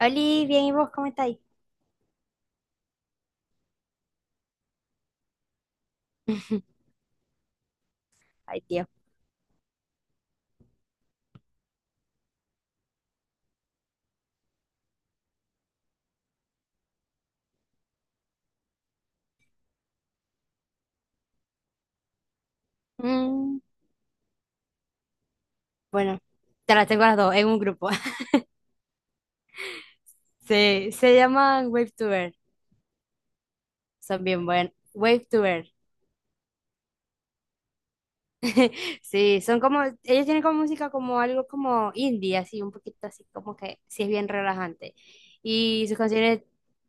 Oli, bien, ¿y vos cómo estáis? Ay, tío. Mm, bueno, te las tengo las dos en un grupo. Se llaman Wave to Earth. Son bien buenas. Wave to Earth. Sí, son como, ellos tienen como música como algo como indie, así, un poquito así, como que sí es bien relajante. Y sus canciones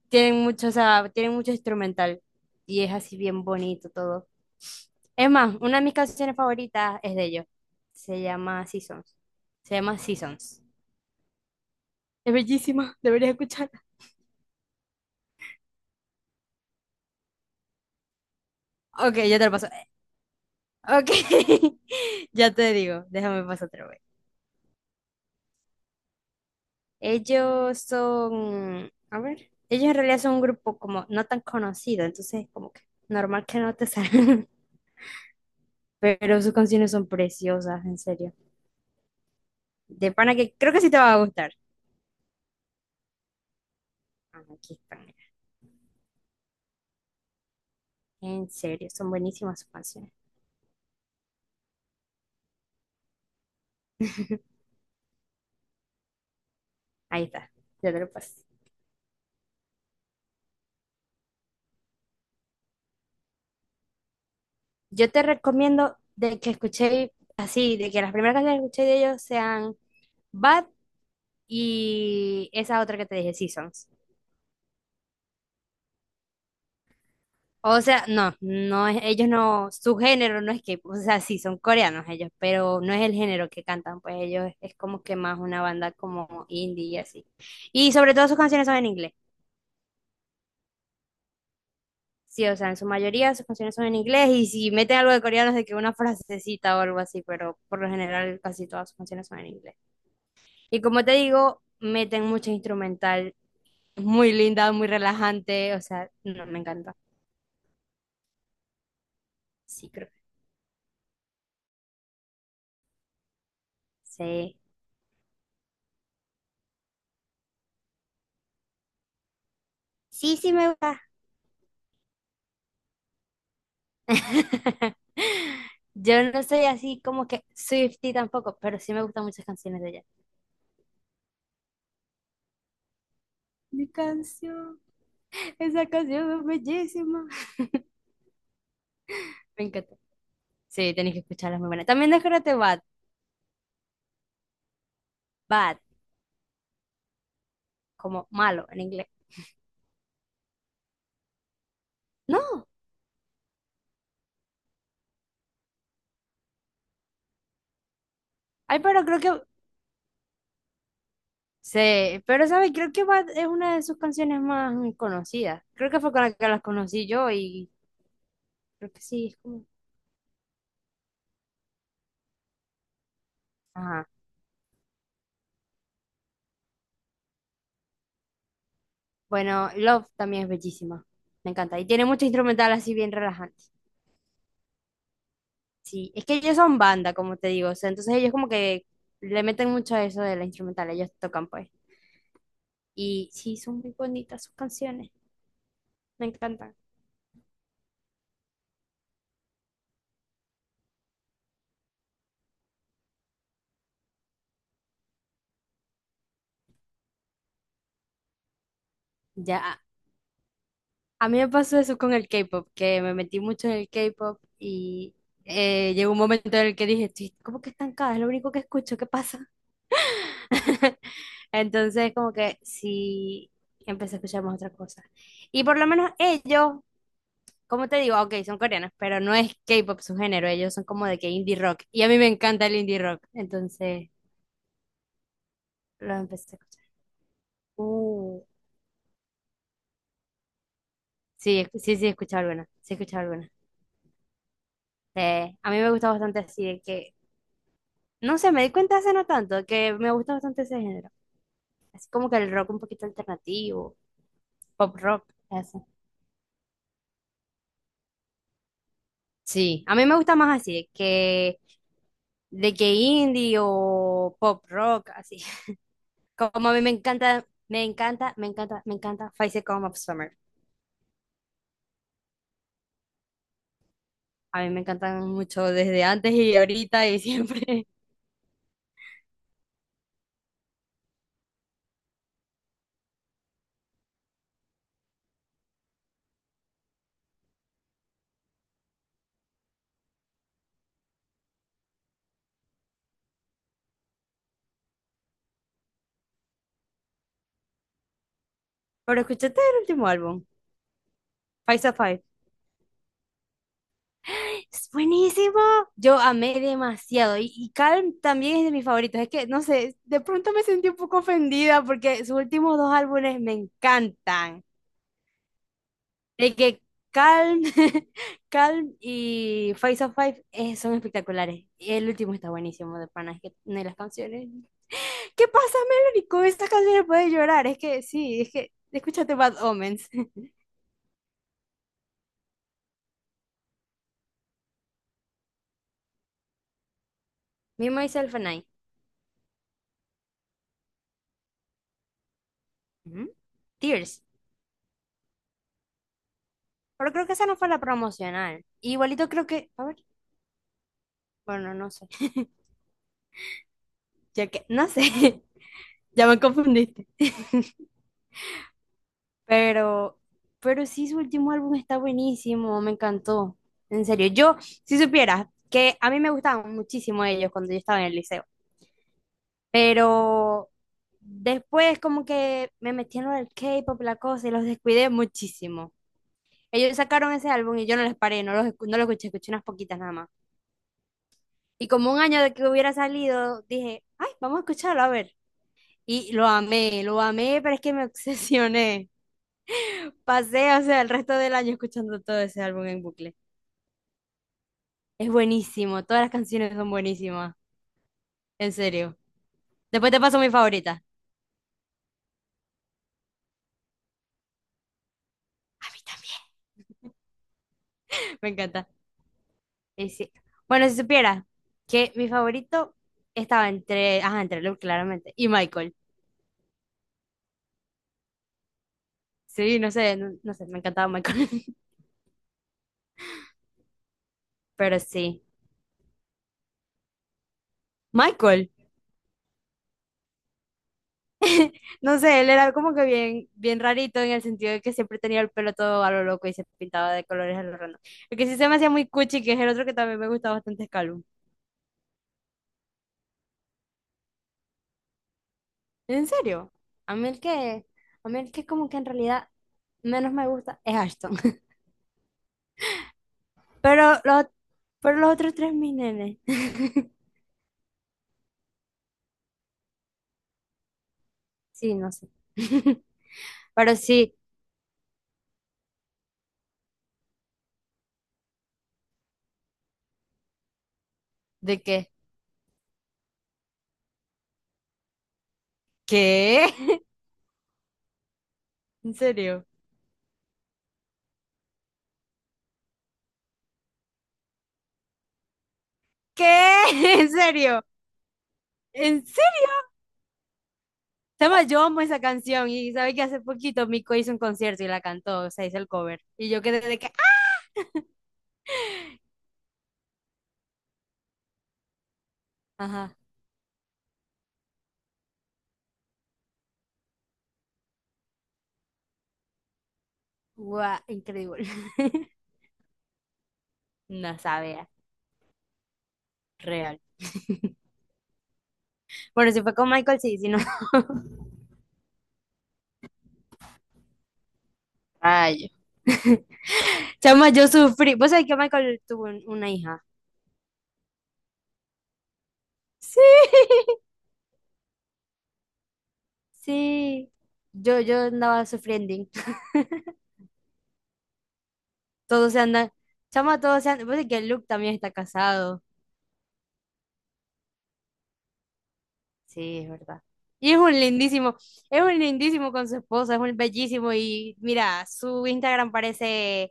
tienen mucho, o sea, tienen mucho instrumental. Y es así bien bonito todo. Es más, una de mis canciones favoritas es de ellos. Se llama Seasons. Se llama Seasons. Es bellísima, deberías escucharla. Ok, ya te lo paso. Ok, ya te digo, déjame pasar otra vez. Ellos son, a ver, ellos en realidad son un grupo como no tan conocido, entonces como que normal que no te salgan, pero sus canciones son preciosas, en serio. De pana que creo que sí te va a gustar. Ah, aquí están, mira. En serio, son buenísimas sus canciones. Ahí está, ya te lo paso. Yo te recomiendo de que escuché así, de que las primeras canciones que escuché de ellos sean... Bad, y esa otra que te dije, Seasons. O sea, no, no es, ellos no, su género no es K-pop, o sea, sí, son coreanos ellos, pero no es el género que cantan, pues ellos es como que más una banda como indie y así. Y sobre todo sus canciones son en inglés, sí, o sea, en su mayoría sus canciones son en inglés y si meten algo de coreano es de que una frasecita o algo así, pero por lo general casi todas sus canciones son en inglés. Y como te digo, meten mucho instrumental, muy linda, muy relajante, o sea, no, me encanta, sí, creo, sí. Sí, sí me gusta. Yo no soy así como que Swiftie tampoco, pero sí me gustan muchas canciones de ella. Mi canción, esa canción es bellísima. Me encanta. Sí, tenéis que escucharlas muy buenas. También descárgate Bad. Bad, como malo en inglés. No, ay, pero creo que, sí, pero sabes, creo que Bad es una de sus canciones más conocidas. Creo que fue con la que las conocí yo y creo que sí, es como... Ajá. Bueno, Love también es bellísima. Me encanta. Y tiene mucho instrumental así bien relajante. Sí, es que ellos son banda, como te digo, o sea, entonces ellos como que le meten mucho a eso de la instrumental, ellos tocan pues. Y sí, son muy bonitas sus canciones, me encantan. Ya, a mí me pasó eso con el K-pop, que me metí mucho en el K-pop y llegó un momento en el que dije, estoy como que estancada, es lo único que escucho, ¿qué pasa? Entonces como que sí, empecé a escuchar más otra cosa. Y por lo menos ellos como te digo, ok, son coreanos, pero no es K-pop su género, ellos son como de que indie rock. Y a mí me encanta el indie rock, entonces lo empecé a escuchar. Uh, sí, sí, sí, he escuchado alguna, sí, he escuchado alguna. A mí me gusta bastante así de que, no sé, me di cuenta hace no tanto que me gusta bastante ese género. Así como que el rock un poquito alternativo, pop rock, eso. Sí, a mí me gusta más así de que indie o pop rock, así. Como a mí me encanta, me encanta, me encanta, me encanta Five Seconds of Summer. A mí me encantan mucho desde antes y ahorita y siempre. Pero escúchate el último álbum, Five of Five. Es buenísimo. Yo amé demasiado. Y Calm también es de mis favoritos. Es que, no sé, de pronto me sentí un poco ofendida porque sus últimos dos álbumes me encantan. De que Calm, Calm y Five of Five son espectaculares. Y el último está buenísimo de pana. Es que de las canciones. ¿Qué pasa, Melanie? Con estas canciones puedes llorar. Es que sí, es que escúchate Bad Omens. Me, Myself and I. Ujú. Tears. Pero creo que esa no fue la promocional. Igualito creo que. A ver. Bueno, no sé. Ya que. No sé. Ya me confundiste. Pero. Pero sí, su último álbum está buenísimo. Me encantó. En serio. Yo, si supieras que a mí me gustaban muchísimo ellos cuando yo estaba en el liceo. Pero. Después, como que me metí en lo del K-pop, la cosa, y los descuidé muchísimo. Ellos sacaron ese álbum y yo no les paré, no los, no lo escuché, escuché unas poquitas nada más. Y como un año de que hubiera salido, dije, ay, vamos a escucharlo, a ver. Y lo amé, pero es que me obsesioné. Pasé, o sea, el resto del año escuchando todo ese álbum en bucle. Es buenísimo, todas las canciones son buenísimas, en serio. Después te paso mi favorita. A mí también. Me encanta. Y sí. Bueno, si supieras que mi favorito estaba entre, ajá, entre Luke, claramente, y Michael. Sí, no sé, no, no sé, me encantaba Michael. Pero sí. Michael. No sé, él era como que bien, bien rarito en el sentido de que siempre tenía el pelo todo a lo loco y se pintaba de colores a lo random. El que sí se me hacía muy cuchi, que es el otro que también me gusta bastante, es Calum. ¿En serio? A mí el que, a mí el que como que en realidad menos me gusta es Ashton. Pero los, pero los otros tres, mis nenes. Sí, no sé. Pero sí, ¿de qué? ¿Qué? ¿En serio? ¿Qué? ¿En serio? ¿En serio? Chama, yo amo esa canción y sabe que hace poquito Mico hizo un concierto y la cantó, o sea, hizo el cover. Y yo quedé de que, ¡ah! Ajá, guau, increíble. No sabía, real. Bueno, si fue con Michael, sí, si no. Ay, chama, yo sufrí. ¿Vos sabés que Michael tuvo una hija? Sí, sí. Yo andaba sufriendo. Todos se andan, chama, todos se andan. Vos sabés que Luke también está casado. Sí, es verdad. Y es un lindísimo con su esposa, es un bellísimo y mira, su Instagram parece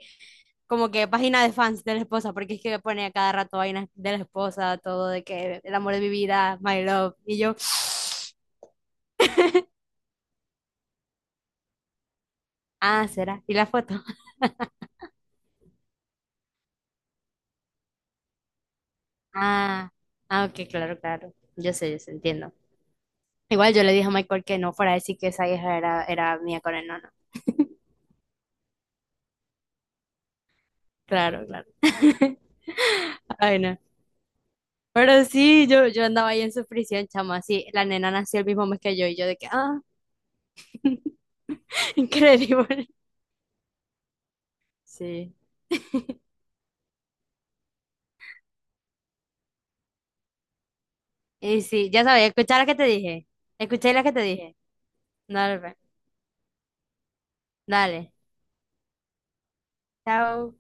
como que página de fans de la esposa, porque es que pone a cada rato vainas de la esposa, todo de que el amor de mi vida, my love, y yo, ah, ¿será? ¿Y la foto? Ah, ah, ok, claro, claro, yo sé, entiendo. Igual yo le dije a Michael que no fuera a decir que esa hija era, era mía con él, no, no, claro, claro. Ay, no. Pero sí, yo andaba ahí en su prisión, chama, así, la nena nació el mismo mes que yo y yo de que, ah, increíble. Sí, y sí, ya sabes, escuchar la que te dije, escuché la que te dije. Dale, pues, dale, chao.